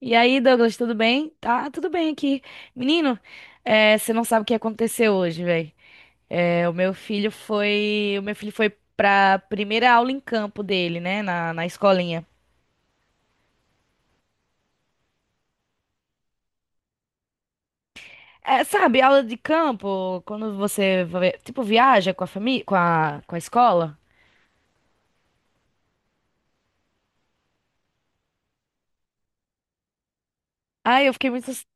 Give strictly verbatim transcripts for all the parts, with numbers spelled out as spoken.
E aí, Douglas, tudo bem? Tá, tudo bem aqui. Menino, é, você não sabe o que aconteceu hoje, velho. o meu filho foi, o meu filho foi pra primeira aula em campo dele, né, na, na escolinha. É, sabe, aula de campo, quando você, vai- tipo, viaja com a família, com a, com a escola. Ai, eu fiquei muito, ansi-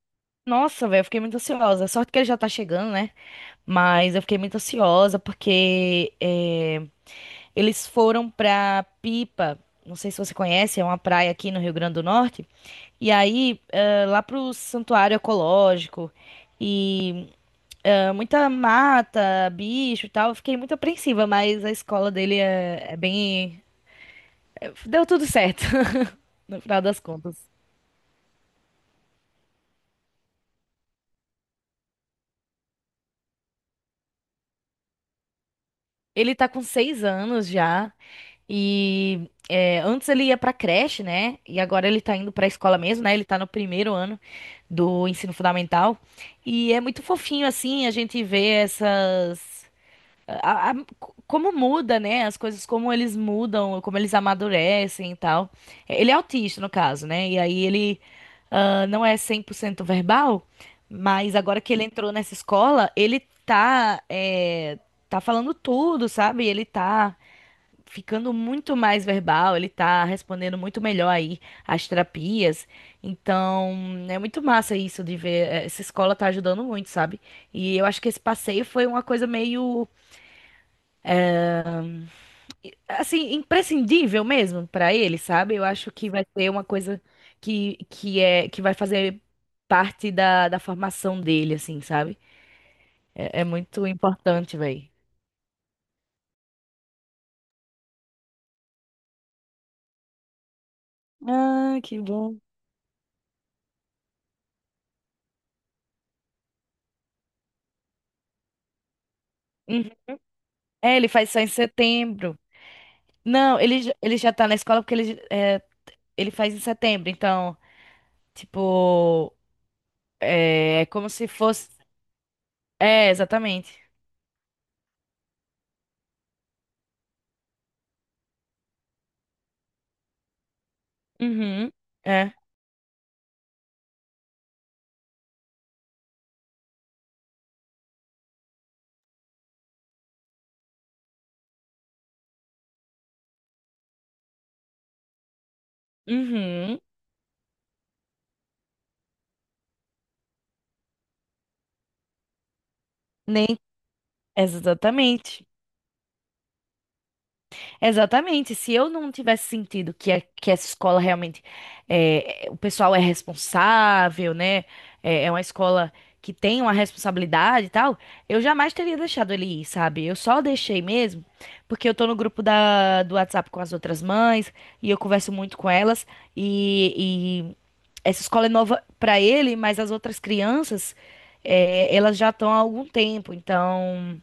nossa, velho, eu fiquei muito ansiosa. Sorte que ele já tá chegando, né? Mas eu fiquei muito ansiosa porque, eh, eles foram pra Pipa, não sei se você conhece, é uma praia aqui no Rio Grande do Norte. E aí, eh, lá pro santuário ecológico e eh, muita mata, bicho e tal. Eu fiquei muito apreensiva, mas a escola dele é, é bem. é- Deu tudo certo, no final das contas. Ele tá com seis anos já. E é, antes ele ia pra creche, né? E agora ele tá indo pra escola mesmo, né? Ele tá no primeiro ano do ensino fundamental. E é muito fofinho, assim, a gente vê essas a- a- como muda, né? As coisas, como eles mudam, como eles amadurecem e tal. É, ele é autista, no caso, né? E aí ele, ah, não é cem por cento verbal, mas agora que ele entrou nessa escola, ele tá, é, tá falando tudo, sabe? Ele tá ficando muito mais verbal, ele tá respondendo muito melhor aí às terapias. Então, é muito massa isso de ver. eh, Essa escola tá ajudando muito, sabe? E eu acho que esse passeio foi uma coisa meio assim, imprescindível mesmo para ele, sabe? Eu acho que vai ser uma coisa que, que é que vai fazer parte da, da formação dele, assim, sabe? É, é muito importante, velho. Ah, que bom. Uhum. É, ele faz só em setembro. Não, ele, já- ele já tá na escola porque ele, é, ele faz em setembro, então, tipo, é, é como se fosse. É, exatamente. Uhum. É. Uhum. Nem. Exatamente. Exatamente. Se eu não tivesse sentido que, a- que essa escola realmente é, é, o pessoal é responsável, né? É, é uma escola que tem uma responsabilidade e tal, eu jamais teria deixado ele ir, sabe? Eu só deixei mesmo porque eu tô no grupo da, do WhatsApp com as outras mães e eu converso muito com elas e, e essa escola é nova pra ele, mas as outras crianças, é, elas já estão há algum tempo, então,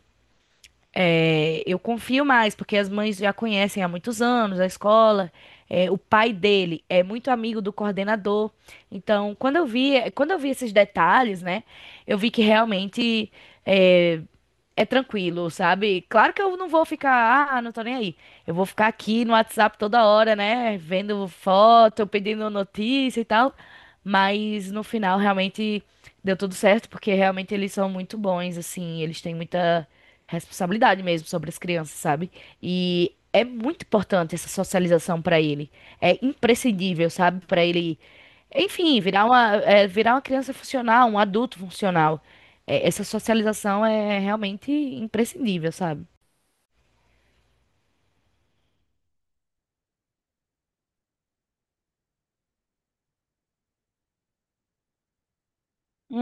é, eu confio mais, porque as mães já conhecem há muitos anos a escola. É, o pai dele é muito amigo do coordenador. Então, quando eu vi, quando eu vi esses detalhes, né, eu vi que realmente é, é tranquilo, sabe? Claro que eu não vou ficar, ah, não tô nem aí. Eu vou ficar aqui no WhatsApp toda hora, né? Vendo foto, pedindo notícia e tal. Mas no final realmente deu tudo certo, porque realmente eles são muito bons, assim, eles têm muita responsabilidade mesmo sobre as crianças, sabe? E é muito importante essa socialização pra ele. É imprescindível, sabe? Pra ele, enfim, virar uma, é, virar uma criança funcional, um adulto funcional. É, essa socialização é realmente imprescindível, sabe?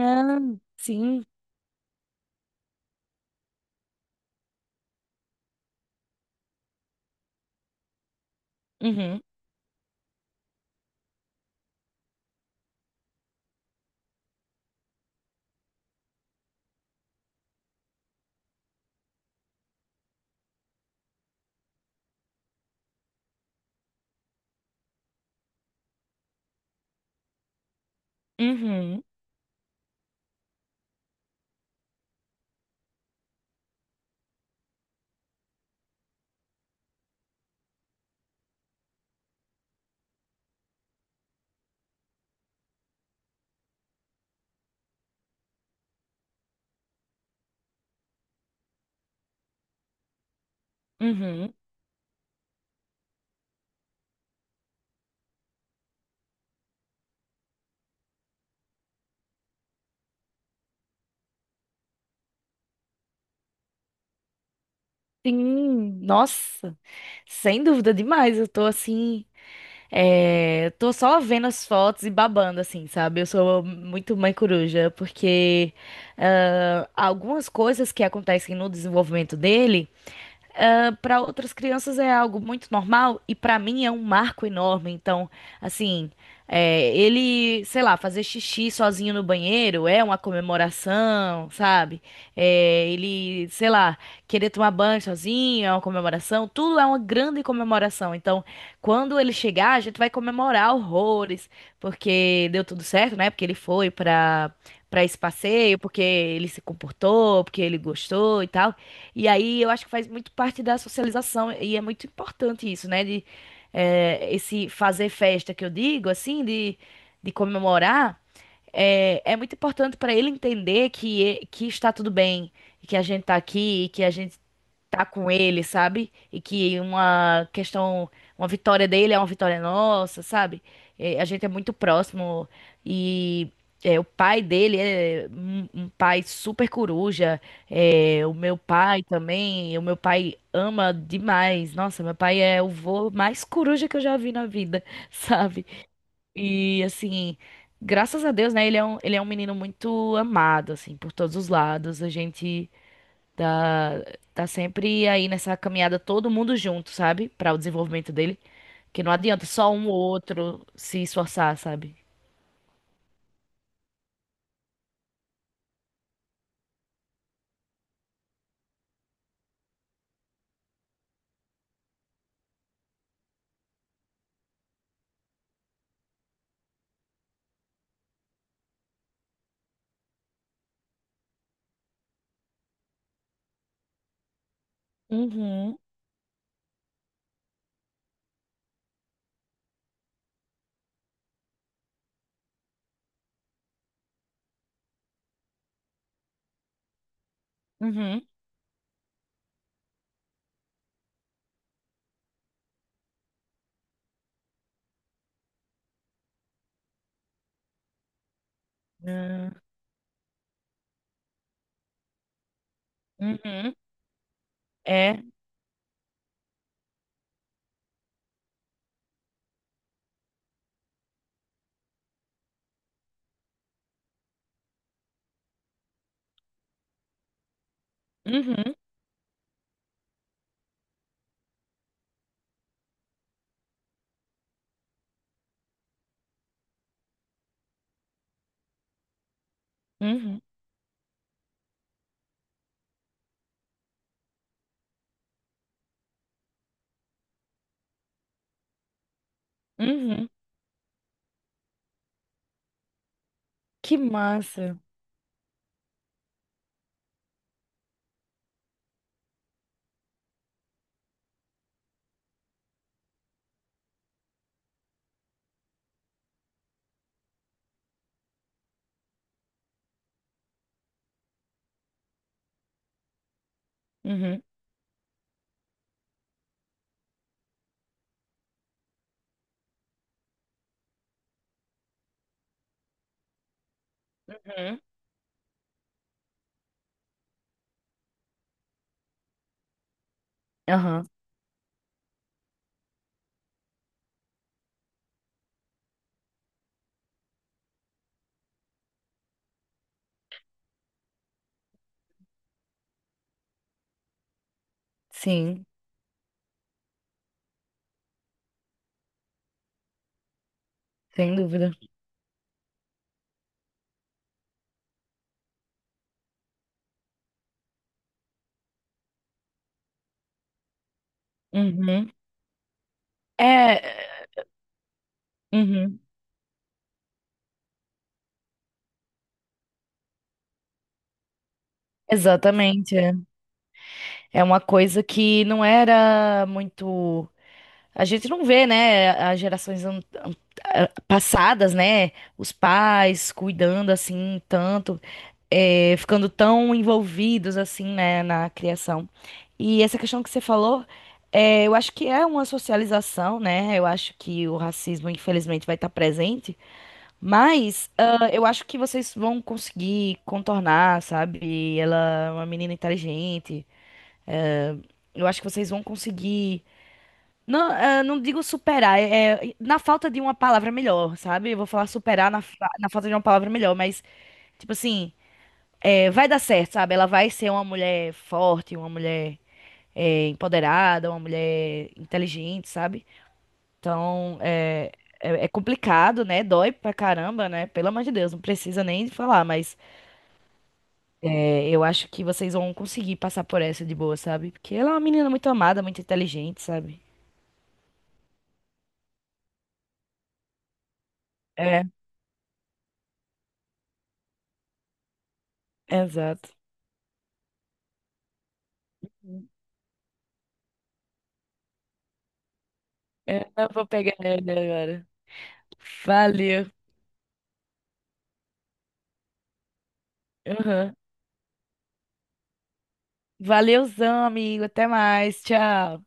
Ah, sim. Uhum, uhum, uhum. Sim, nossa, sem dúvida demais. Eu tô assim, é, tô só vendo as fotos e babando, assim, sabe? Eu sou muito mãe coruja, porque ah, algumas coisas que acontecem no desenvolvimento dele para outras crianças é algo muito normal e para mim é um marco enorme. Então, assim, é, ele, sei lá, fazer xixi sozinho no banheiro é uma comemoração, sabe? É, ele, sei lá, querer tomar banho sozinho é uma comemoração. Tudo é uma grande comemoração. Então, quando ele chegar, a gente vai comemorar horrores, porque deu tudo certo, né? Porque ele foi para para esse passeio, porque ele se comportou, porque ele gostou e tal. E aí eu acho que faz muito parte da socialização e é muito importante isso, né? De eh, esse fazer festa que eu digo, assim, de, de comemorar, eh, é, muito importante para ele entender que, e- que está tudo bem, e que a gente está aqui, e que a gente tá com ele, sabe? E que uma questão, uma vitória dele é uma vitória nossa, sabe? É, a gente é muito próximo e é, o pai dele é um, um pai super coruja, é, o meu pai também, o meu pai ama demais. Nossa, meu pai é o vô mais coruja que eu já vi na vida, sabe? E assim, graças a Deus, né? Ele é um, ele é um menino muito amado, assim, por todos os lados. A gente tá, tá sempre aí nessa caminhada todo mundo junto, sabe? Para o desenvolvimento dele. Que não adianta só um ou outro se esforçar, sabe? Uhum, uhum, ah, uhum, é, uhum, uhum, uhum. Que massa. Uhum, uhum, aham, sim, sem dúvida. Uhum, é, uhum, exatamente. É, é uma coisa que não era muito. A gente não vê, né, as gerações an- an- a- passadas, né, os pais cuidando assim tanto, eh, ficando tão envolvidos assim, né, na criação. E essa questão que você falou, eh, eu acho que é uma socialização, né? Eu acho que o racismo, infelizmente, vai estar presente, mas ah, eu acho que vocês vão conseguir contornar, sabe? Ela é uma menina inteligente. Eu acho que vocês vão conseguir. Não, ah, não digo superar, é, é na falta de uma palavra melhor, sabe? Eu vou falar superar na, fa- na falta de uma palavra melhor, mas, tipo assim, é, vai dar certo, sabe? Ela vai ser uma mulher forte, uma mulher, é, empoderada, uma mulher inteligente, sabe? Então, é, é, é complicado, né? Dói pra caramba, né? Pelo amor de Deus, não precisa nem falar, mas é, eu acho que vocês vão conseguir passar por essa de boa, sabe? Porque ela é uma menina muito amada, muito inteligente, sabe? É, exato. É, eu vou pegar ele agora. Valeu. Aham. Valeuzão, amigo. Até mais. Tchau.